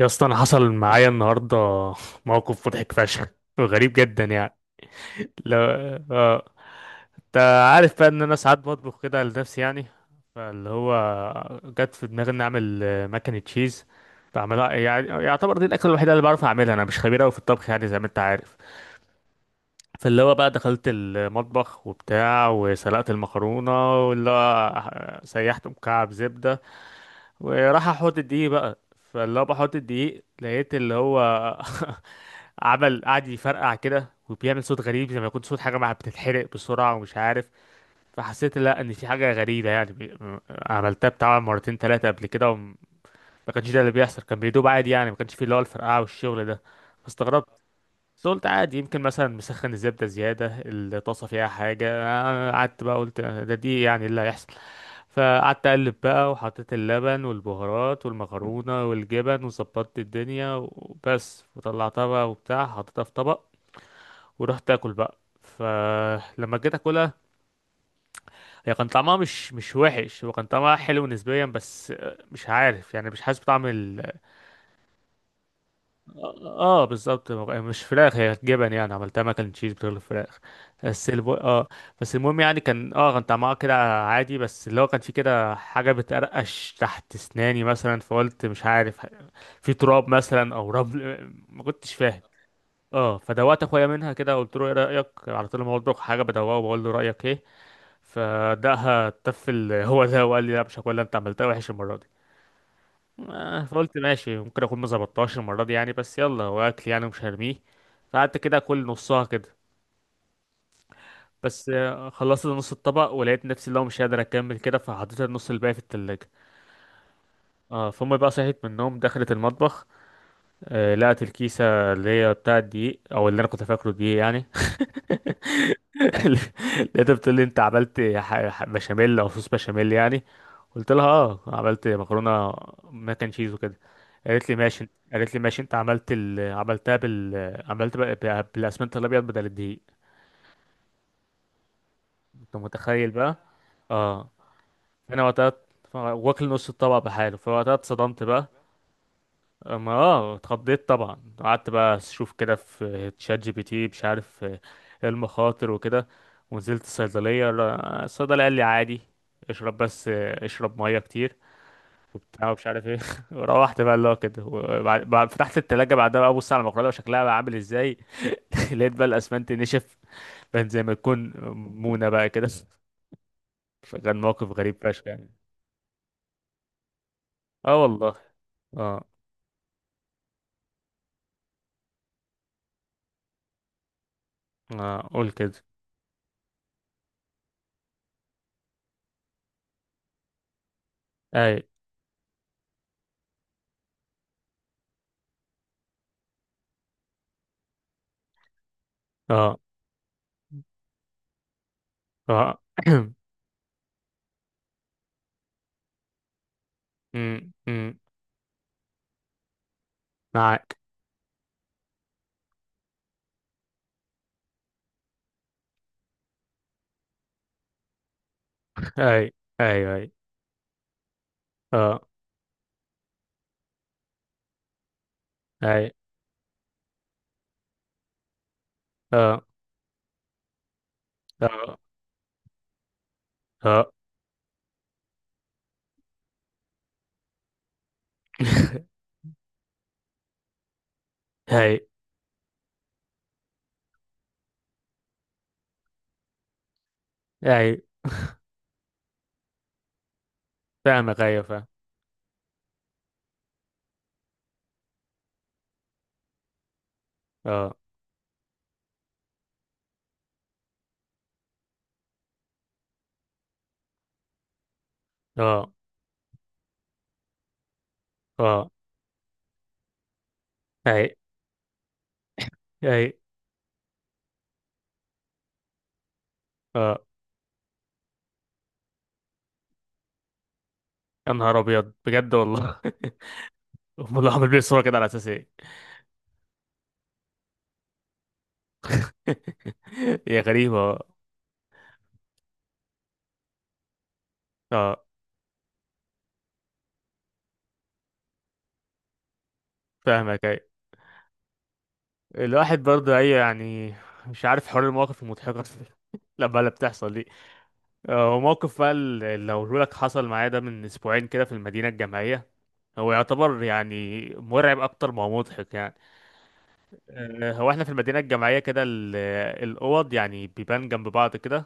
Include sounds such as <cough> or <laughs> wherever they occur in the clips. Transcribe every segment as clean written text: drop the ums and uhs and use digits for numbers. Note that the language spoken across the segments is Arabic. يا اسطى، انا حصل معايا النهارده موقف مضحك فشخ وغريب جدا يعني. لا. اه، انت عارف بقى ان انا ساعات بطبخ كده لنفسي يعني. فاللي هو جت في دماغي اني اعمل مكنة تشيز بعملها، يعني يعتبر دي الاكله الوحيده اللي بعرف اعملها، انا مش خبير قوي في الطبخ يعني زي ما انت عارف. فاللي هو بقى دخلت المطبخ وبتاع وسلقت المكرونه، واللي هو سيحت مكعب زبده، وراح احط الدقيق بقى. فاللي هو بحط الدقيق لقيت اللي هو <laughs> عمل قعد يفرقع كده وبيعمل صوت غريب زي ما يكون صوت حاجة مع بتتحرق بسرعة ومش عارف. فحسيت لا ان في حاجة غريبة يعني عملتها بتاع مرتين تلاتة قبل كده وما كانش ده اللي بيحصل، كان بيدوب عادي يعني، ما كانش فيه اللي هو الفرقعة والشغل ده. فاستغربت بس قلت عادي، يمكن مثلا مسخن الزبدة زيادة، الطاسة فيها حاجة. أنا قعدت بقى قلت ده دي يعني اللي هيحصل. فقعدت أقلب بقى وحطيت اللبن والبهارات والمكرونة والجبن وظبطت الدنيا وبس، وطلعتها بقى وبتاع حطيتها في طبق. ورحت أكل بقى، فلما جيت أكلها هي كان طعمها مش وحش، هو كان طعمها حلو نسبيا، بس مش عارف يعني مش حاسس بطعم. اه بالظبط، مش فراخ، هي جبن يعني عملتها ماك اند تشيز بدل الفراخ. اه. بس المهم يعني كان كان طعمها كده عادي، بس اللي هو كان في كده حاجه بتقرقش تحت اسناني مثلا، فقلت مش عارف، في تراب مثلا او رمل، ما كنتش فاهم. اه فدوقت اخويا منها كده، قلت له ايه رايك، على طول ما بطبخ حاجه بدوقه وبقول له رايك ايه. فدقها تفل هو ده وقال لي لا مش هاكلها، انت عملتها وحش المره دي. فقلت ماشي، ممكن اكون ما ظبطتهاش المره دي يعني، بس يلا هو اكل يعني مش هرميه. فقعدت كده اكل نصها كده، بس خلصت نص الطبق ولقيت نفسي لو مش قادر اكمل كده، فحطيت النص الباقي في التلاجة. اه فامي بقى صحيت من النوم دخلت المطبخ، آه لقت الكيسه اللي هي بتاع الدقيق او اللي انا كنت فاكره دقيق يعني. <laughs> لقيتها بتقول لي انت عملت بشاميل او صوص بشاميل يعني. قلت لها اه عملت مكرونه ماك اند تشيز وكده. قالت لي ماشي، قالت لي ماشي انت عملتها عملت بقى بالاسمنت الابيض بدل الدقيق. انت متخيل بقى؟ اه انا وقتها واكل نص الطبق بحاله، فوقتها اتصدمت بقى. ما اتخضيت طبعا. قعدت بقى اشوف كده في تشات جي بي تي مش عارف ايه المخاطر وكده. ونزلت الصيدلية، الصيدلي قال لي عادي، اشرب بس اشرب مية كتير وبتاع ومش عارف ايه. <laughs> روحت بقى اللي هو كده، فتحت التلاجة بعدها بقى ابص على المقلاية وشكلها بقى عامل ازاي. <laughs> لقيت بقى الاسمنت نشف، كان زي ما تكون مونة بقى كده. فكان موقف غريب فشخ يعني. اه والله. اه. اه قول كده. اي. اه. اه. <clears throat> معاك. اي اي اي. اه. اي. اه اه اه. <laughs> اي اي. فاهمك، ايوه فاهم. اه اه اه. اي اي. اه. يا نهار ابيض بجد والله. <laughs> امال هو عامل بيه الصوره كده على اساس ايه؟ <laughs> هي غريبه اه. آه، فاهمك اي. الواحد برضه اي يعني، مش عارف حوار المواقف المضحكه <laughs> لما اللي بتحصل دي. وموقف بقى اللي هقوله لك حصل معايا ده من اسبوعين كده في المدينه الجامعيه. هو يعتبر يعني مرعب اكتر ما هو مضحك يعني. هو احنا في المدينه الجامعيه كده، الاوض يعني بيبان جنب بعض كده،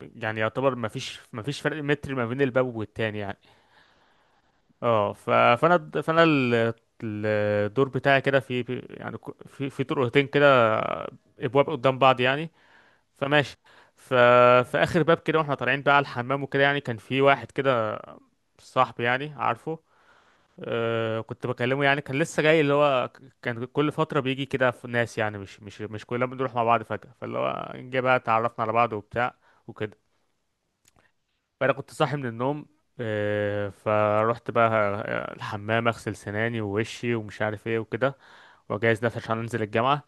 يعني يعتبر ما فيش فرق متر ما بين الباب والتاني يعني. اه فانا الدور بتاعي كده يعني في في طرقتين كده، ابواب قدام بعض يعني. فماشي ف في اخر باب كده واحنا طالعين بقى على الحمام وكده، يعني كان في واحد كده صاحبي يعني عارفه. آه كنت بكلمه يعني كان لسه جاي، اللي هو كان كل فترة بيجي كده في ناس يعني مش كلنا بنروح مع بعض فجأة، فاللي هو جه بقى اتعرفنا على بعض وبتاع وكده. فأنا كنت صاحي من النوم، آه فروحت بقى الحمام أغسل سناني ووشي ومش عارف ايه وكده، وأجهز نفسي عشان أنزل الجامعة.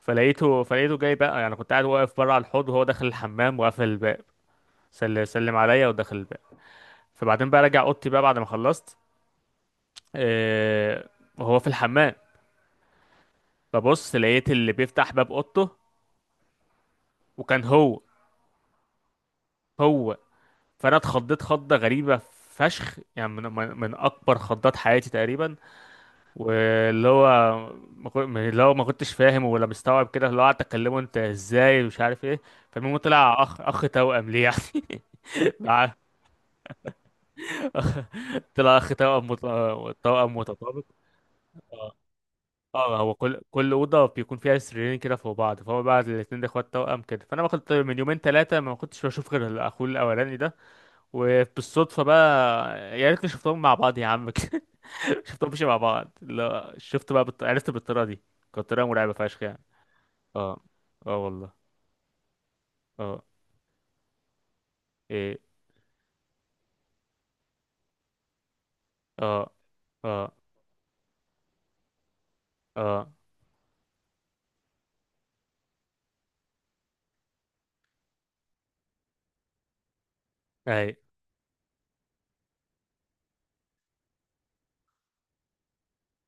فلقيته جاي بقى، يعني كنت قاعد واقف بره على الحوض وهو داخل الحمام وقافل الباب. سلم عليا ودخل الباب. فبعدين بقى راجع أوضتي بقى بعد ما خلصت، آه وهو في الحمام. فبص لقيت اللي بيفتح باب اوضته وكان هو. هو. فانا اتخضيت خضه غريبه فشخ يعني، من اكبر خضات حياتي تقريبا. واللي هو ما كن- اللي هو ما كنتش فاهم ولا مستوعب كده، اللي هو قعدت اكلمه انت ازاي ومش عارف ايه. فالمهم طلع اخ توأم ليه يعني. <laughs> مع- طلع اخ توأم توأم متطابق. اه اه هو كل اوضه بيكون فيها سريرين كده فوق بعض، فهو بقى الاثنين ده اخوات توأم كده، فانا ما كنت من يومين ثلاثه ما كنتش بشوف غير اخوه الاولاني ده. وبالصدفة بقى، يا ريتني شفتهم مع بعض يا عم. <laughs> شفتهم مش مع بعض، لا شفت بقى عرفت بالطريقة دي. كانت طريقة مرعبة فشخ يعني. اه. اه والله. اه. ايه. اه اه اه. اي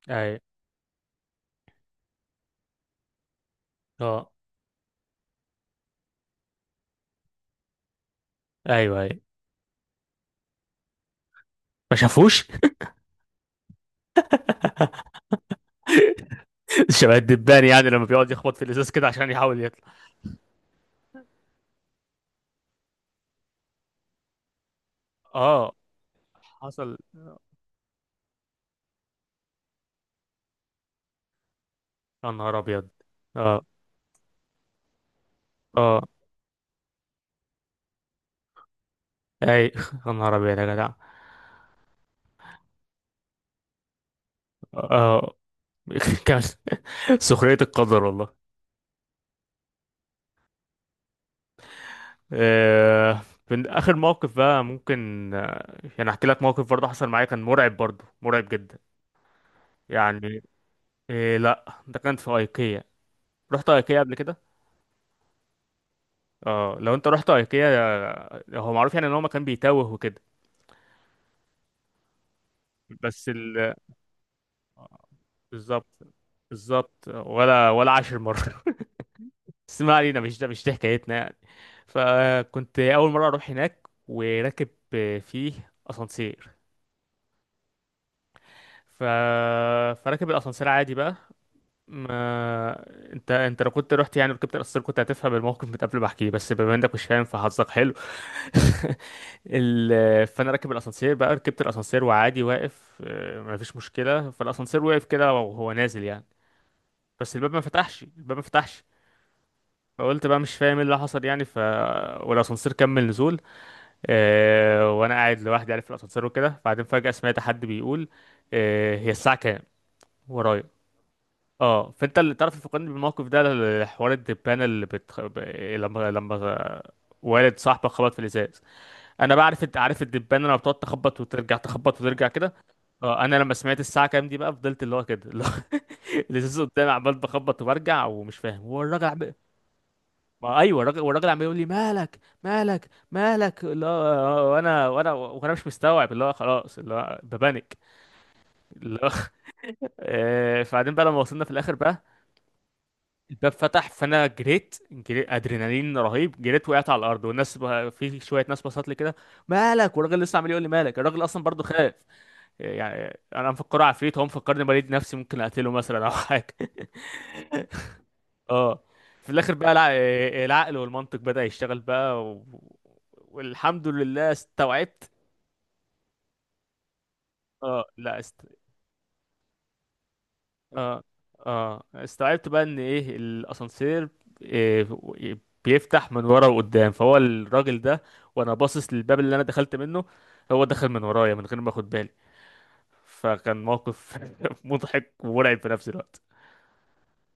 اي. اه. ايوه اي ما شافوش. <laughs> شبه الدبان يعني لما بيقعد يخبط في الازاز كده عشان يحاول يطلع. اه حصل. يا نهار ابيض. اه. اه اي. <laughs> يا نهار ابيض يا جدع. اه. <laughs> كان سخرية القدر والله. آه، من اخر موقف بقى ممكن يعني احكي لك موقف برضه حصل معايا كان مرعب برضه مرعب جدا يعني. إيه لا ده كان في ايكيا. رحت ايكيا قبل كده؟ اه لو انت رحت ايكيا، هو معروف يعني ان هو مكان بيتاوه وكده. بس ال آه، بالظبط. بالظبط، ولا عشر مرة. <laughs> بس ما علينا، مش ده مش دي حكايتنا يعني. فكنت أول مرة أروح هناك وراكب فيه أسانسير. ف... فراكب الأسانسير عادي بقى، ما انت لو كنت رحت يعني ركبت القصر كنت هتفهم الموقف من قبل ما احكيه، بس بما انك مش فاهم فحظك حلو. <laughs> فانا راكب الاسانسير بقى، ركبت الاسانسير وعادي واقف ما فيش مشكله. فالاسانسير وقف كده وهو نازل يعني، بس الباب ما فتحش. فقلت بقى مش فاهم ايه اللي حصل يعني، والاسانسير كمل نزول. اه... وانا قاعد لوحدي يعني في الاسانسير وكده، بعدين فجاه سمعت حد بيقول اه... هي الساعه كام ورايا. اه فانت اللي تعرف تفكرني بالموقف ده، حوار الدبانه لما لما والد صاحبك خبط في الازاز. انا بقى عارف عارف الدبانه لما بتقعد تخبط وترجع تخبط وترجع كده. اه انا لما سمعت الساعه كام دي بقى فضلت اللي هو كده اللي هو <laughs> الازاز قدامي عمال بخبط وبرجع ومش فاهم، هو الراجل ما ايوه الراجل، والراجل عمال يقول لي مالك اللي هو. وانا مش مستوعب، اللي هو خلاص اللي هو ببانك اللي هو. <laughs> فبعدين بقى لما وصلنا في الاخر بقى الباب فتح، فانا جريت، جريت ادرينالين رهيب، جريت وقعت على الارض والناس في شويه ناس بصت لي كده مالك، والراجل لسه عمال يقول لي مالك، الراجل اصلا برضو خاف يعني، انا مفكره عفريت هو مفكرني بريد نفسي ممكن اقتله مثلا او حاجه. <laughs> اه في الاخر بقى العقل والمنطق بدأ يشتغل بقى و... والحمد لله استوعبت. اه لا است... اه اه استوعبت بقى ان ايه، الاسانسير إيه بيفتح من ورا وقدام، فهو الراجل ده وانا باصص للباب اللي انا دخلت منه، هو دخل من ورايا من غير ما اخد بالي. فكان موقف <laughs> مضحك ومرعب في نفس الوقت.